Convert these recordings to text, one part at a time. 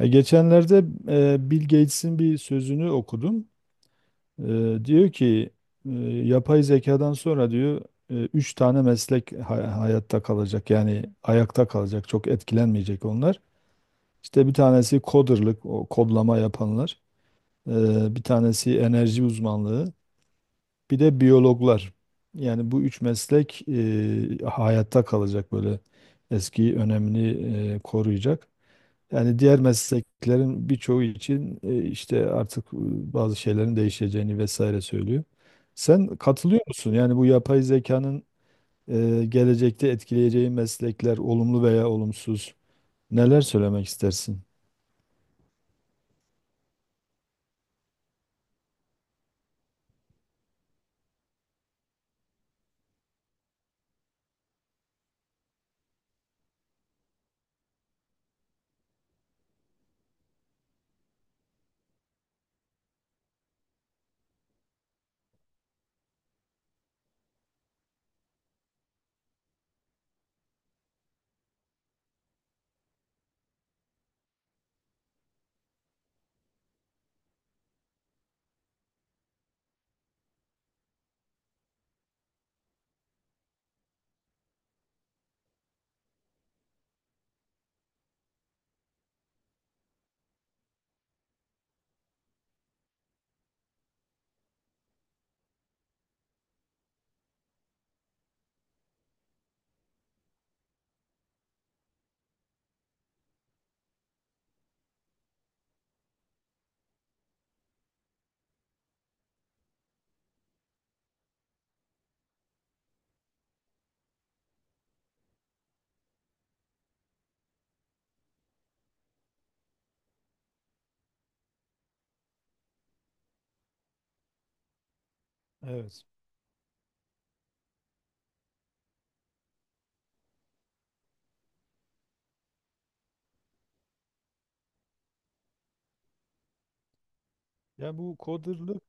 Geçenlerde Bill Gates'in bir sözünü okudum. E, Diyor ki e, yapay zekadan sonra, diyor, üç tane meslek hayatta kalacak, yani ayakta kalacak, çok etkilenmeyecek onlar. İşte bir tanesi coderlık, o kodlama yapanlar, bir tanesi enerji uzmanlığı, bir de biyologlar. Yani bu üç meslek hayatta kalacak, böyle eski önemini koruyacak. Yani diğer mesleklerin birçoğu için işte artık bazı şeylerin değişeceğini vesaire söylüyor. Sen katılıyor musun? Yani bu yapay zekanın gelecekte etkileyeceği meslekler olumlu veya olumsuz, neler söylemek istersin? Evet. Ya bu coderlık,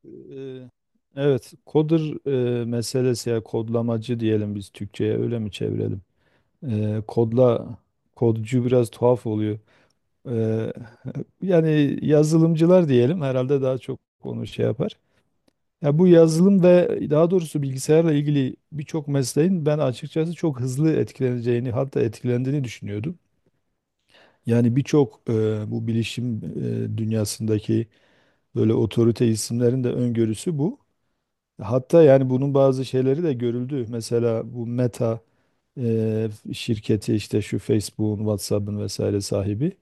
evet coder meselesi, ya kodlamacı diyelim biz Türkçe'ye, öyle mi çevirelim? E, kodla Kodcu biraz tuhaf oluyor. Eee, Yani yazılımcılar diyelim herhalde, daha çok onu şey yapar. Ya bu yazılım ve daha doğrusu bilgisayarla ilgili birçok mesleğin ben açıkçası çok hızlı etkileneceğini, hatta etkilendiğini düşünüyordum. Yani birçok bu bilişim dünyasındaki böyle otorite isimlerin de öngörüsü bu. Hatta yani bunun bazı şeyleri de görüldü. Mesela bu Meta şirketi, işte şu Facebook'un, WhatsApp'ın vesaire sahibi.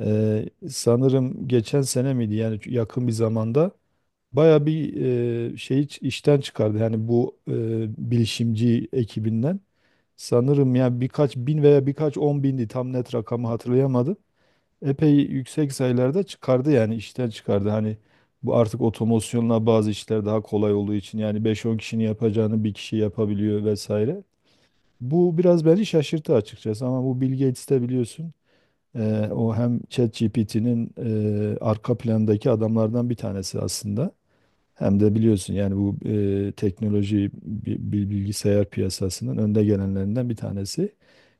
Sanırım geçen sene miydi, yani yakın bir zamanda baya bir şey işten çıkardı. Yani bu bilişimci ekibinden sanırım ya birkaç bin veya birkaç on bindi, tam net rakamı hatırlayamadım. Epey yüksek sayılarda çıkardı, yani işten çıkardı. Hani bu artık otomasyonla bazı işler daha kolay olduğu için yani beş on kişinin yapacağını bir kişi yapabiliyor vesaire. Bu biraz beni şaşırttı açıkçası, ama bu Bill Gates de biliyorsun. O hem ChatGPT'nin arka plandaki adamlardan bir tanesi aslında. Hem de biliyorsun yani bu teknoloji bilgisayar piyasasının önde gelenlerinden bir tanesi.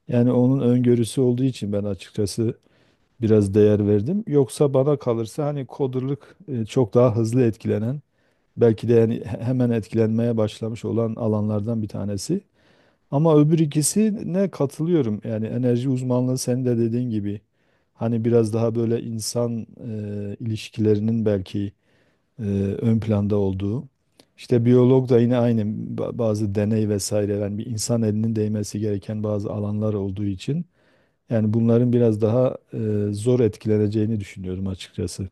Yani onun öngörüsü olduğu için ben açıkçası biraz değer verdim. Yoksa bana kalırsa hani coderlık çok daha hızlı etkilenen, belki de yani hemen etkilenmeye başlamış olan alanlardan bir tanesi. Ama öbür ikisine katılıyorum. Yani enerji uzmanlığı, senin de dediğin gibi, hani biraz daha böyle insan ilişkilerinin belki e, ön planda olduğu. İşte biyolog da yine aynı, bazı deney vesaire, yani bir insan elinin değmesi gereken bazı alanlar olduğu için yani bunların biraz daha zor etkileneceğini düşünüyorum açıkçası.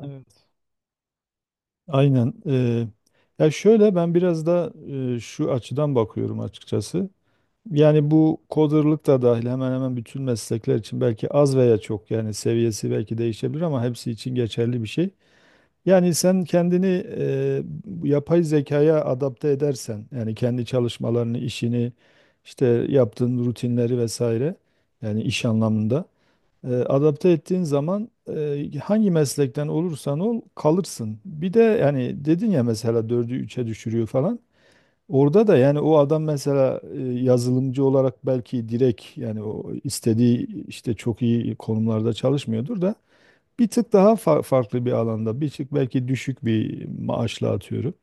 Evet. Aynen. Ya şöyle, ben biraz da şu açıdan bakıyorum açıkçası. Yani bu coderlık da dahil hemen hemen bütün meslekler için belki az veya çok, yani seviyesi belki değişebilir ama hepsi için geçerli bir şey. Yani sen kendini bu yapay zekaya adapte edersen, yani kendi çalışmalarını, işini, işte yaptığın rutinleri vesaire, yani iş anlamında adapte ettiğin zaman hangi meslekten olursan ol kalırsın. Bir de yani dedin ya, mesela dördü üçe düşürüyor falan. Orada da yani o adam mesela yazılımcı olarak belki direkt, yani o istediği işte çok iyi konumlarda çalışmıyordur da, bir tık daha farklı bir alanda, bir tık belki düşük bir maaşla atıyorum.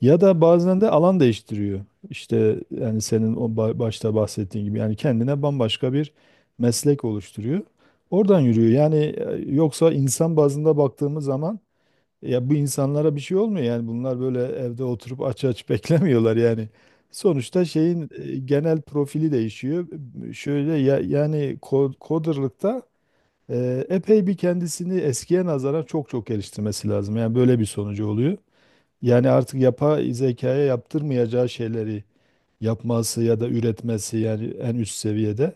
Ya da bazen de alan değiştiriyor. İşte yani senin o başta bahsettiğin gibi, yani kendine bambaşka bir meslek oluşturuyor. Oradan yürüyor. Yani yoksa insan bazında baktığımız zaman ya bu insanlara bir şey olmuyor, yani bunlar böyle evde oturup aç aç beklemiyorlar yani. Sonuçta şeyin genel profili değişiyor. Şöyle ya, yani coderlıkta epey bir kendisini eskiye nazaran çok çok geliştirmesi lazım. Yani böyle bir sonucu oluyor. Yani artık yapay zekaya yaptırmayacağı şeyleri yapması ya da üretmesi, yani en üst seviyede.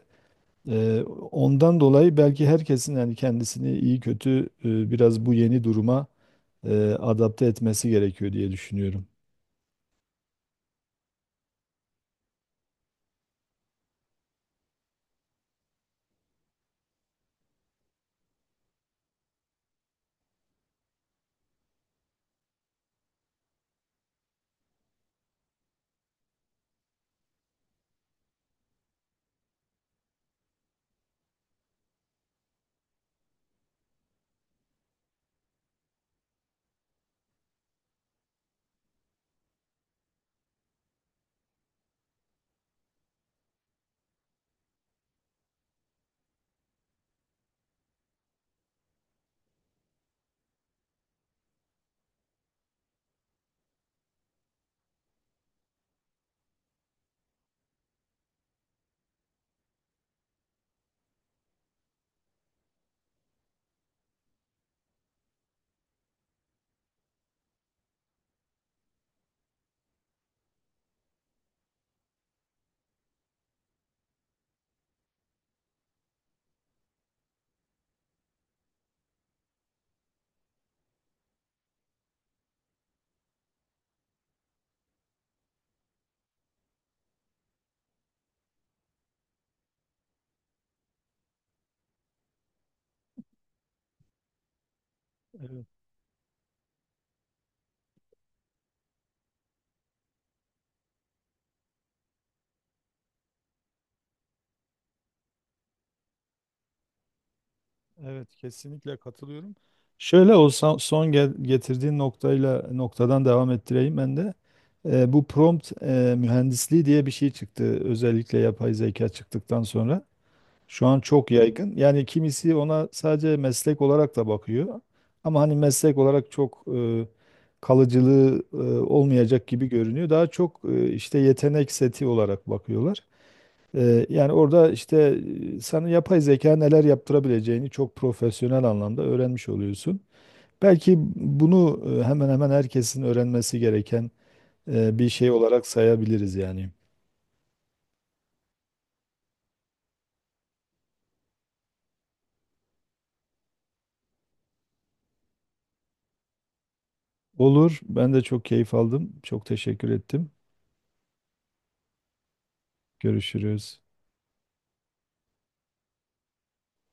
E, Ondan dolayı belki herkesin, yani kendisini iyi kötü biraz bu yeni duruma adapte etmesi gerekiyor diye düşünüyorum. Evet, evet, kesinlikle katılıyorum. Şöyle o son, son getirdiğin noktayla noktadan devam ettireyim ben de. Bu prompt mühendisliği diye bir şey çıktı. Özellikle yapay zeka çıktıktan sonra. Şu an çok yaygın. Yani kimisi ona sadece meslek olarak da bakıyor. Ama hani meslek olarak çok kalıcılığı olmayacak gibi görünüyor. Daha çok işte yetenek seti olarak bakıyorlar. Yani orada işte sana yapay zeka neler yaptırabileceğini çok profesyonel anlamda öğrenmiş oluyorsun. Belki bunu hemen hemen herkesin öğrenmesi gereken bir şey olarak sayabiliriz yani. Olur. Ben de çok keyif aldım. Çok teşekkür ettim. Görüşürüz.